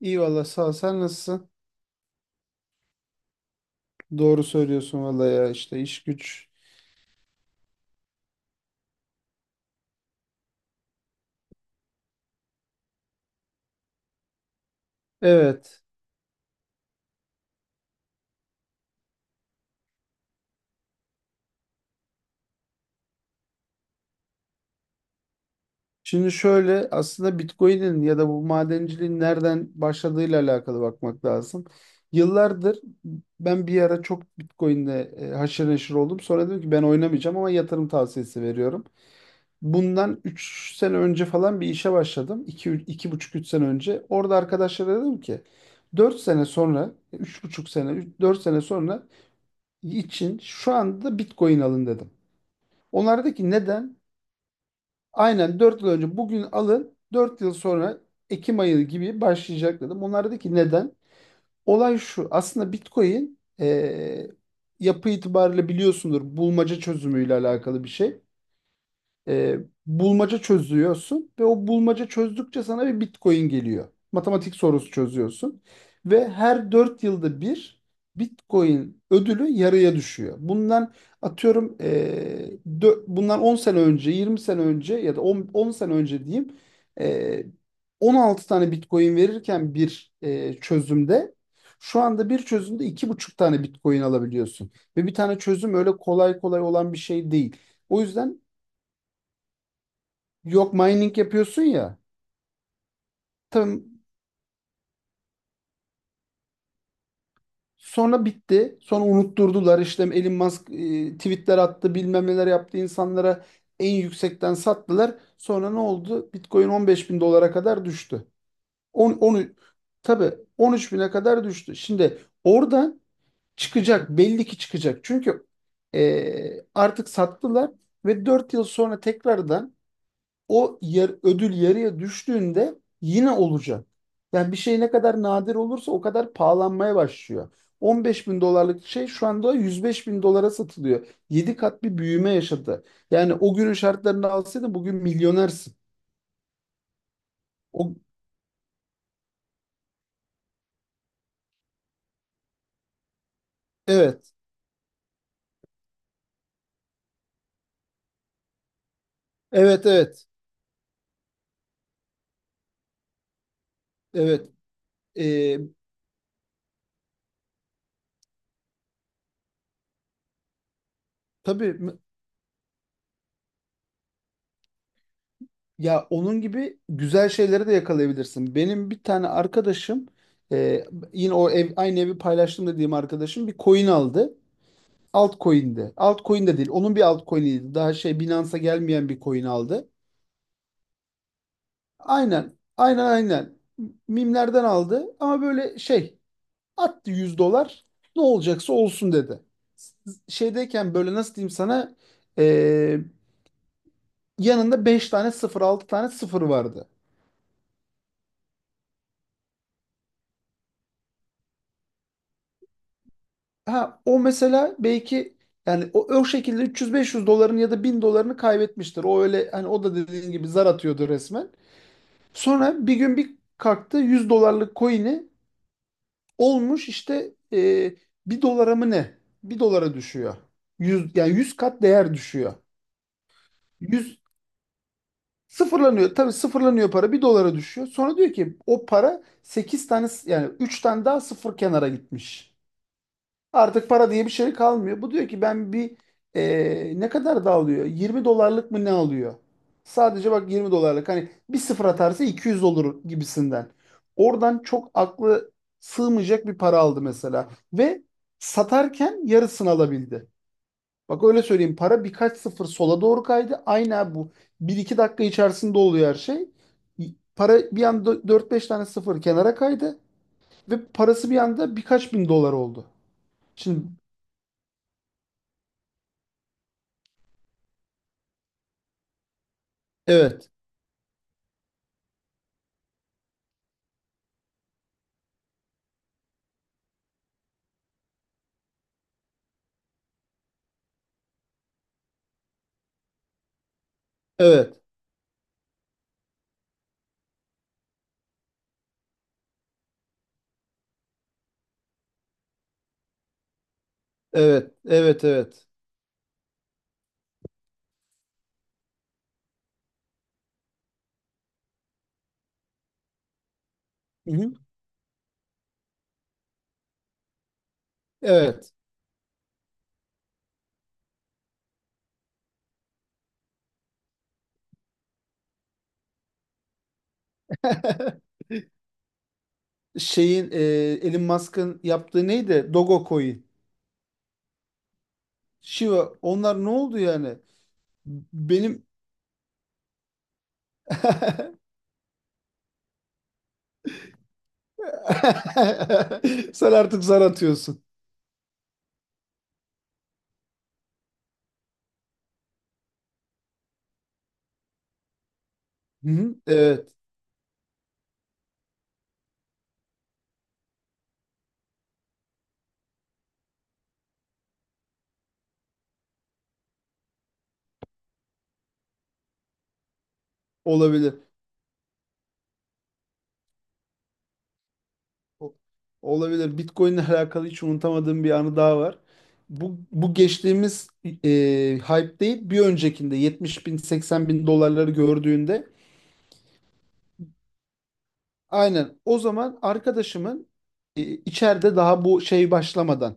İyi valla sağ ol. Sen nasılsın? Doğru söylüyorsun valla ya işte iş güç. Evet. Şimdi şöyle aslında Bitcoin'in ya da bu madenciliğin nereden başladığıyla alakalı bakmak lazım. Yıllardır ben bir ara çok Bitcoin'le haşır neşir oldum. Sonra dedim ki ben oynamayacağım ama yatırım tavsiyesi veriyorum. Bundan 3 sene önce falan bir işe başladım. İki iki buçuk, 3 sene önce. Orada arkadaşlara dedim ki 4 sene sonra, 3,5 sene, 4 sene sonra için şu anda Bitcoin alın dedim. Onlardaki neden? Aynen 4 yıl önce bugün alın, 4 yıl sonra Ekim ayı gibi başlayacak dedim. Onlardaki neden? Olay şu, aslında Bitcoin yapı itibariyle biliyorsundur, bulmaca çözümüyle alakalı bir şey. e, Bulmaca çözüyorsun ve o bulmaca çözdükçe sana bir Bitcoin geliyor. Matematik sorusu çözüyorsun ve her 4 yılda bir Bitcoin ödülü yarıya düşüyor. Bundan atıyorum, bundan 10 sene önce, 20 sene önce ya da 10 sene önce diyeyim, e, 16 tane Bitcoin verirken bir çözümde, şu anda bir çözümde 2,5 tane Bitcoin alabiliyorsun. Ve bir tane çözüm öyle kolay kolay olan bir şey değil. O yüzden. Yok, mining yapıyorsun ya. Tam. Sonra bitti. Sonra unutturdular işte, Elon Musk tweetler attı, bilmem neler yaptı insanlara, en yüksekten sattılar. Sonra ne oldu? Bitcoin 15 bin dolara kadar düştü. 10, 10, tabii 13 bine kadar düştü. Şimdi oradan çıkacak, belli ki çıkacak. Çünkü artık sattılar ve 4 yıl sonra tekrardan, ödül yarıya düştüğünde yine olacak. Yani bir şey ne kadar nadir olursa o kadar pahalanmaya başlıyor. 15 bin dolarlık şey şu anda 105 bin dolara satılıyor. 7 kat bir büyüme yaşadı. Yani o günün şartlarını alsaydın bugün milyonersin. O, evet, evet, evet, evet. Ee, tabii, ya onun gibi güzel şeyleri de yakalayabilirsin. Benim bir tane arkadaşım, e, yine aynı evi paylaştım dediğim arkadaşım bir coin aldı. Altcoin'de. Altcoin de değil. Onun bir altcoin'iydi. Daha şey, Binance'a gelmeyen bir coin aldı. Aynen. Aynen aynen. Mimlerden aldı ama böyle şey attı, 100 dolar. Ne olacaksa olsun dedi. Şeydeyken, böyle nasıl diyeyim sana, eee, yanında 5 tane sıfır, 6 tane sıfır vardı. Ha o mesela belki, yani o şekilde 300-500 doların ya da 1.000 dolarını kaybetmiştir. O öyle, hani o da dediğin gibi zar atıyordu resmen. Sonra bir gün bir kalktı, 100 dolarlık coin'i olmuş işte 1 dolara mı ne? Bir dolara düşüyor. 100, yani 100 kat değer düşüyor. Yüz sıfırlanıyor. Tabii sıfırlanıyor, para bir dolara düşüyor. Sonra diyor ki o para 8 tane, yani 3 tane daha sıfır kenara gitmiş. Artık para diye bir şey kalmıyor. Bu diyor ki ben bir ne kadar da alıyor? 20 dolarlık mı ne alıyor? Sadece bak, 20 dolarlık. Hani bir sıfır atarsa 200 olur gibisinden. Oradan çok aklı sığmayacak bir para aldı mesela. Ve satarken yarısını alabildi. Bak öyle söyleyeyim, para birkaç sıfır sola doğru kaydı. Aynen bu. Bir iki dakika içerisinde oluyor her şey. Para bir anda 4-5 tane sıfır kenara kaydı. Ve parası bir anda birkaç bin dolar oldu. Şimdi evet. Evet, evet, evet, evet. Hı hı. Evet. Şeyin, Elon Musk'ın yaptığı neydi? Dogecoin. Shiba. Onlar ne oldu yani? Benim. Sen artık zar atıyorsun. Hı hı. Evet, olabilir. O- Olabilir. Bitcoin'le alakalı hiç unutamadığım bir anı daha var. Bu geçtiğimiz hype değil, bir öncekinde 70 bin, 80 bin dolarları gördüğünde. Aynen. O zaman arkadaşımın, içeride daha bu şey başlamadan,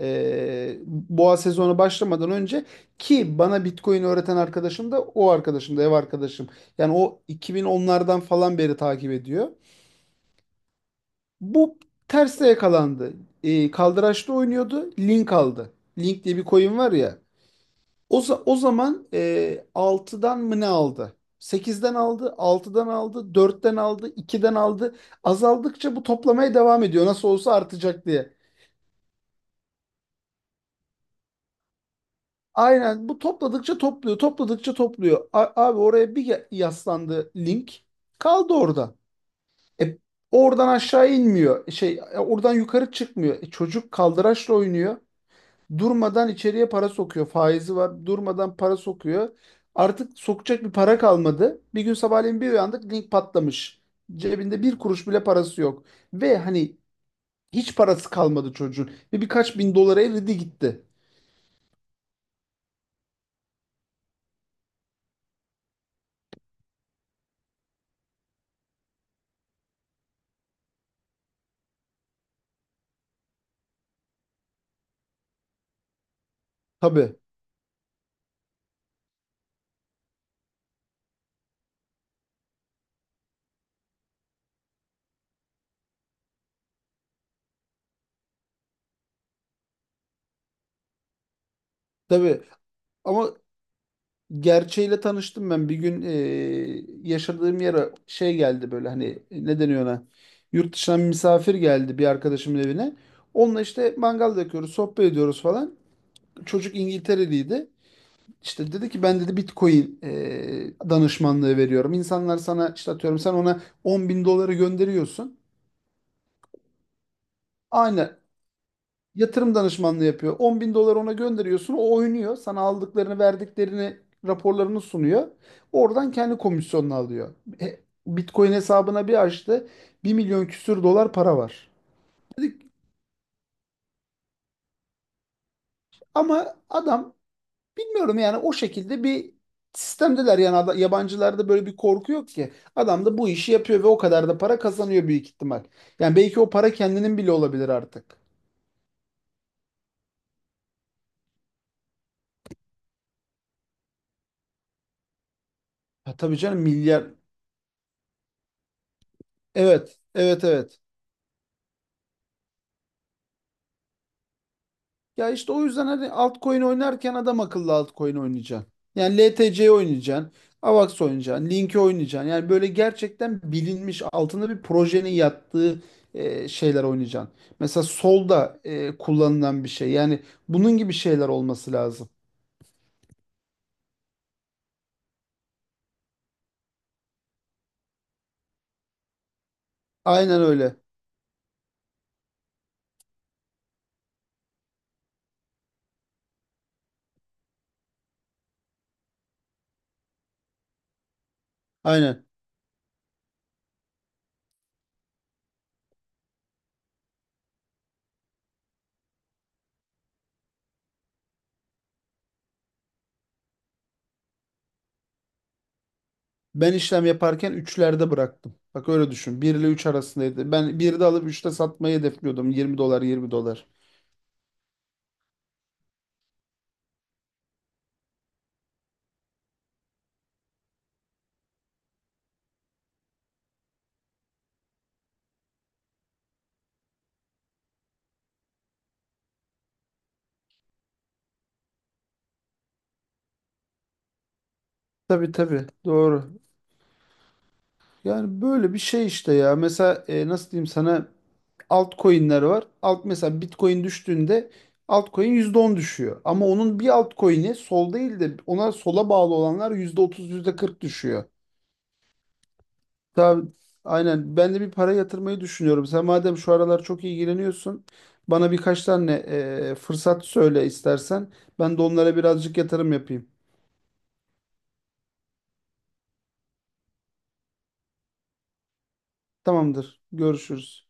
boğa sezonu başlamadan önce, ki bana Bitcoin öğreten arkadaşım da o arkadaşım da ev arkadaşım. Yani o 2010'lardan falan beri takip ediyor. Bu terste yakalandı. Kaldıraçta oynuyordu. Link aldı. Link diye bir coin var ya. O zaman 6'dan mı ne aldı? Sekizden aldı, altıdan aldı, dörtten aldı, 2'den aldı. Azaldıkça bu toplamaya devam ediyor. Nasıl olsa artacak diye. Aynen bu, topladıkça topluyor, topladıkça topluyor. Abi oraya bir yaslandı link. Kaldı orada. E, oradan aşağı inmiyor. Şey, oradan yukarı çıkmıyor. Çocuk kaldıraçla oynuyor. Durmadan içeriye para sokuyor. Faizi var. Durmadan para sokuyor. Artık sokacak bir para kalmadı. Bir gün sabahleyin bir uyandık, link patlamış. Cebinde bir kuruş bile parası yok. Ve hani hiç parası kalmadı çocuğun. Ve birkaç bin dolara eridi gitti. Tabii, tabii. Ama gerçeğiyle tanıştım ben. Bir gün yaşadığım yere şey geldi, böyle hani ne deniyor ona? Yurt dışından bir misafir geldi bir arkadaşımın evine. Onunla işte mangal yakıyoruz, sohbet ediyoruz falan. Çocuk İngiltereliydi. İşte dedi ki ben, dedi, Bitcoin danışmanlığı veriyorum. İnsanlar sana işte atıyorum sen ona 10 bin doları gönderiyorsun. Aynı yatırım danışmanlığı yapıyor. 10 bin dolar ona gönderiyorsun. O oynuyor. Sana aldıklarını, verdiklerini, raporlarını sunuyor. Oradan kendi komisyonunu alıyor. E, Bitcoin hesabına bir açtı. 1 milyon küsür dolar para var. Dedik ama adam, bilmiyorum yani, o şekilde bir sistemdeler yani. Yabancılarda böyle bir korku yok ki. Adam da bu işi yapıyor ve o kadar da para kazanıyor büyük ihtimal. Yani belki o para kendinin bile olabilir artık. Ha, tabii canım, milyar. Evet, evet, evet. Ya işte o yüzden hani altcoin oynarken adam akıllı altcoin oynayacaksın. Yani LTC oynayacaksın, AVAX oynayacaksın, Link'i oynayacaksın. Yani böyle gerçekten bilinmiş, altında bir projenin yattığı şeyler oynayacaksın. Mesela solda kullanılan bir şey. Yani bunun gibi şeyler olması lazım. Aynen öyle. Aynen. Ben işlem yaparken üçlerde bıraktım. Bak öyle düşün. 1 ile 3 arasındaydı. Ben 1'de alıp üçte satmayı hedefliyordum. 20 dolar, 20 dolar. Tabii tabii. Doğru. Yani böyle bir şey işte ya. Mesela nasıl diyeyim sana, altcoin'ler var. Alt mesela Bitcoin düştüğünde altcoin %10 düşüyor. Ama onun bir altcoin'i sol değil de ona sola bağlı olanlar %30, yüzde kırk düşüyor. Tabii, aynen ben de bir para yatırmayı düşünüyorum. Sen madem şu aralar çok ilgileniyorsun, bana birkaç tane fırsat söyle istersen. Ben de onlara birazcık yatırım yapayım. Tamamdır. Görüşürüz.